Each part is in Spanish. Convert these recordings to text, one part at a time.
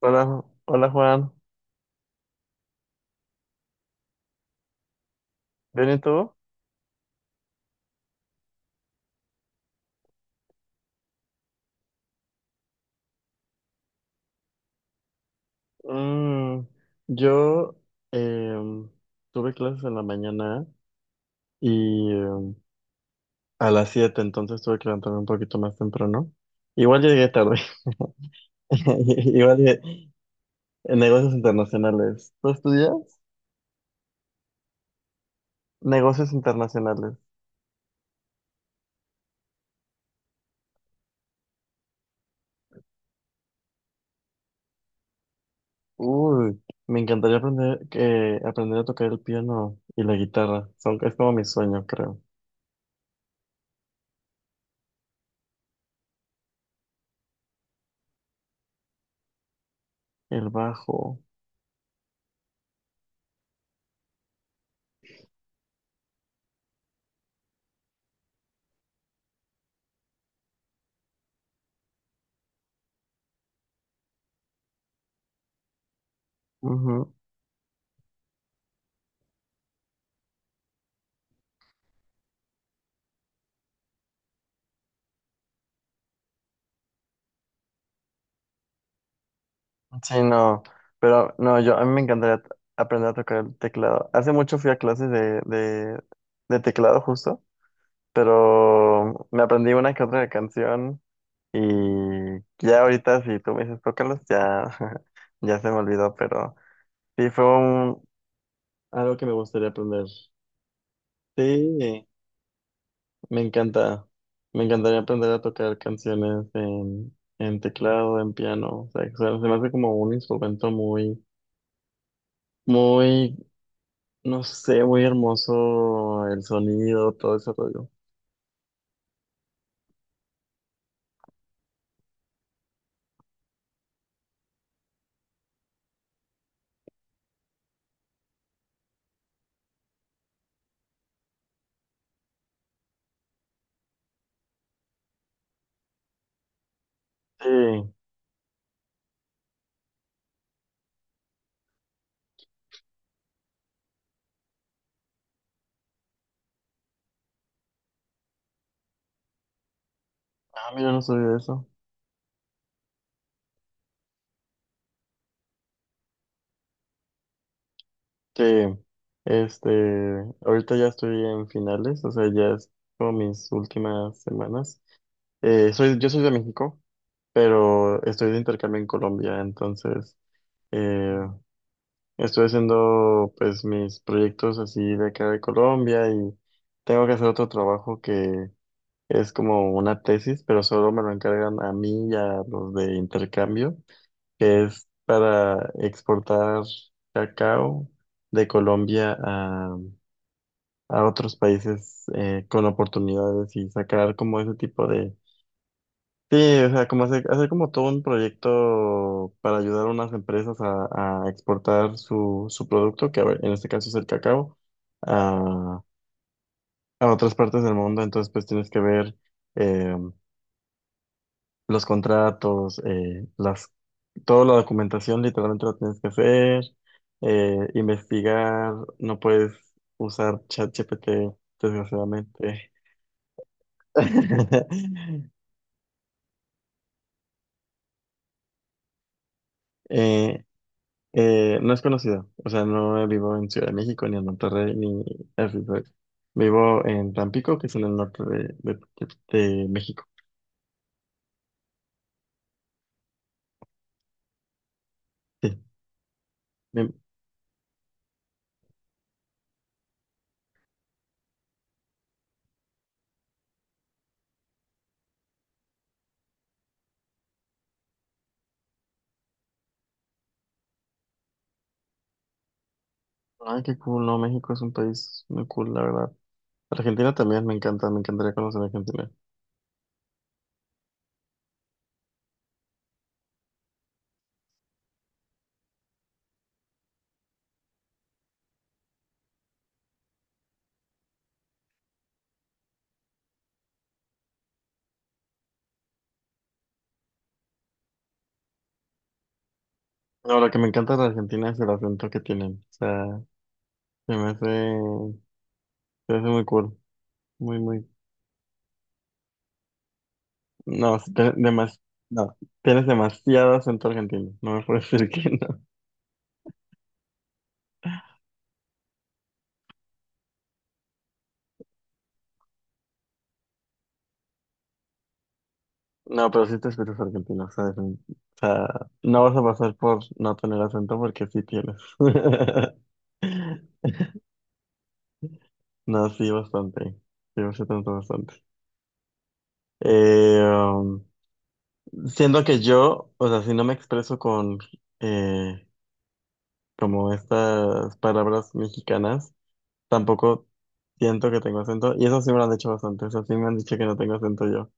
Hola, hola Juan, ¿bien y tú? Mm, yo em, tuve clases en la mañana y a las 7, entonces tuve que levantarme un poquito más temprano. Igual llegué tarde, igual llegué- en negocios internacionales. ¿Tú estudias? Negocios internacionales. Uy, me encantaría aprender, aprender a tocar el piano y la guitarra. Es como mi sueño, creo. El bajo. Sí, no, pero no, yo a mí aprender a tocar el teclado. Hace mucho fui a clases de teclado justo, pero me aprendí una que otra canción y ya ahorita si tú me dices tócalos, ya, ya se me olvidó, pero sí fue un, algo que me gustaría aprender. Sí, me encanta, me encantaría aprender a tocar canciones en teclado, en piano, o sea, que se me hace como un instrumento muy... Muy. No sé, muy hermoso el sonido, todo ese rollo. Sí. Ah, mira, no sabía eso. Sí, este, ahorita ya estoy en finales, o sea, ya es como mis últimas semanas. Yo soy de México, pero estoy de intercambio en Colombia, entonces eh, estoy haciendo pues mis proyectos así de acá de Colombia y tengo que hacer otro trabajo que es como una tesis, pero solo me lo encargan a mí y a los de intercambio. Que es para exportar cacao de Colombia a otros países con oportunidades y sacar como ese tipo de... Sí, o sea, como hacer como todo un proyecto para ayudar a unas empresas a exportar su producto, que a ver, en este caso es el cacao, a, a otras partes del mundo. Entonces, pues tienes que ver eh, los contratos, las toda la documentación literalmente la tienes que hacer, investigar, no puedes usar ChatGPT, desgraciadamente. Eh, no es conocido, o sea, no vivo en Ciudad de México, ni en Monterrey, ni así, pues. Vivo en Tampico, que es en el norte de México. Sí. Bien. Ay, qué cool, no, México es un país muy cool, la verdad. Argentina también me encanta, me encantaría conocer Argentina. No, lo que me encanta de Argentina es el acento que tienen, o sea. Se me hace muy cool. Muy, muy. No, no. Tienes demasiado acento argentino. No me puedes decir que no. No, pero sí te escuchas argentino, ¿sabes? O sea, no vas a pasar por no tener acento porque sí tienes. No, sí, bastante. Sí, bastante, bastante. Eh, um, siendo que yo, o sea, si no me expreso con eh, como estas palabras mexicanas, tampoco siento que tengo acento. Y eso sí me lo han dicho bastante. Eso sí me han dicho que no tengo acento yo.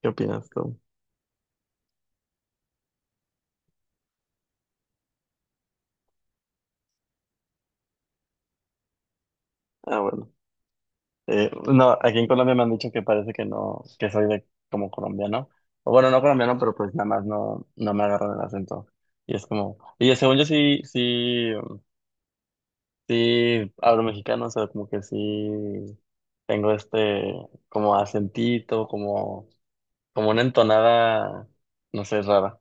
¿Qué opinas tú? Ah, bueno. No, aquí en Colombia me han dicho que parece que no, que soy de como colombiano. O bueno, no colombiano, pero pues nada más no, no me agarran el acento. Y es como, y según yo sí hablo mexicano, o sea, como que sí tengo este como acentito, como, como una entonada, no sé, rara.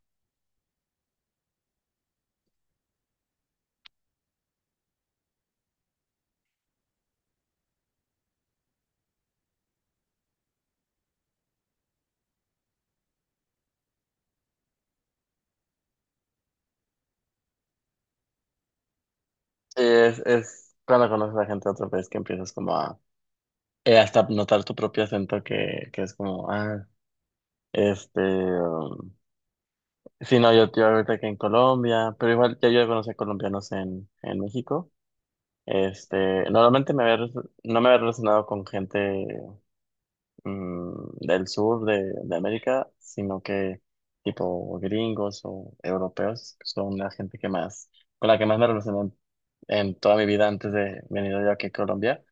Es cuando conoces a gente de otro país que empiezas como a hasta notar tu propio acento que es como, ah, este, um, sí, no, yo ahorita que en Colombia, pero igual ya yo conocí a colombianos en México. Este, normalmente no me había relacionado con gente del sur de América, sino que tipo gringos o europeos, que son la gente que más, con la que más me relacioné en toda mi vida antes de venir yo aquí a Colombia.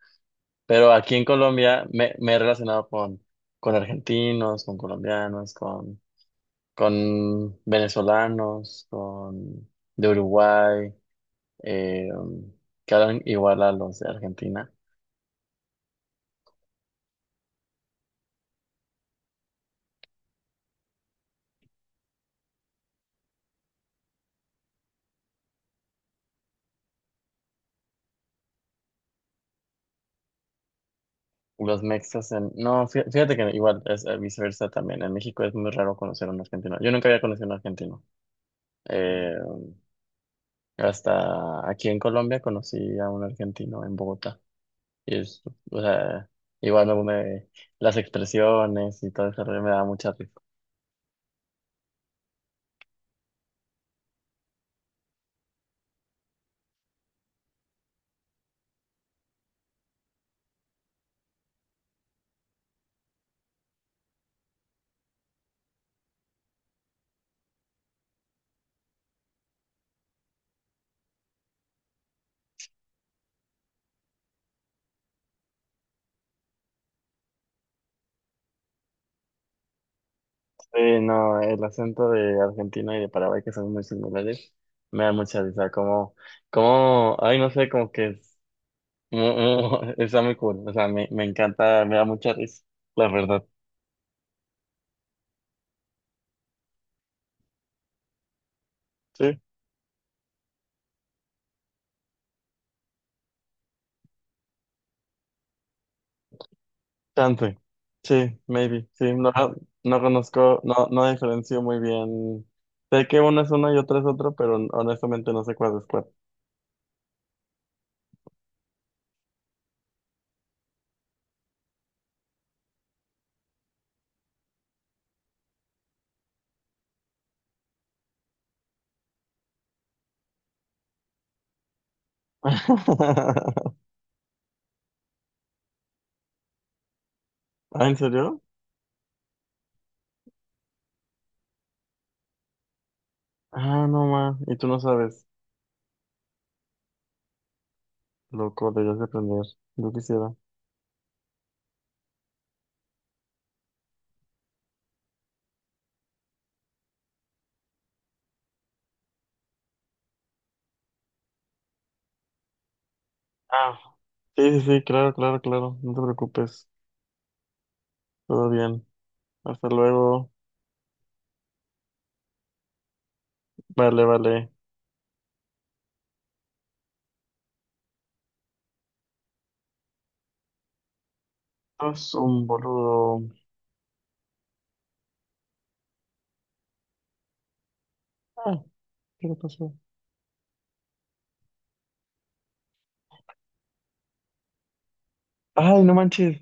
Pero aquí en Colombia me he relacionado con argentinos, con colombianos, con venezolanos, con de Uruguay, eh, que hablan igual a los de Argentina. Los mexas en... No, fíjate que igual es viceversa también. En México es muy raro conocer a un argentino. Yo nunca había conocido a un argentino. Eh, hasta aquí en Colombia conocí a un argentino en Bogotá. Y es, o sea, igual bueno, me, las expresiones y todo eso me da mucha risa. Sí, no, el acento de Argentina y de Paraguay que son muy similares, me da mucha risa. Como, como, ay, no sé, como que es, está muy cool. O sea, me encanta, me da mucha risa, la verdad. Sí, chance. Sí, maybe. Sí, no, no conozco, no, no diferencio muy bien. Sé que uno es uno y otro es otro, pero honestamente no sé cuál es cuál. ¿Ah, en serio? Ah, no, ma. Y tú no sabes. Loco, deberías de aprender. Yo quisiera. Ah. Sí, sí, sí, claro, claro, claro. No te preocupes. Todo bien. Hasta luego. Vale, vale. Es un boludo. Ah, ¿qué le pasó? Ay, no manches.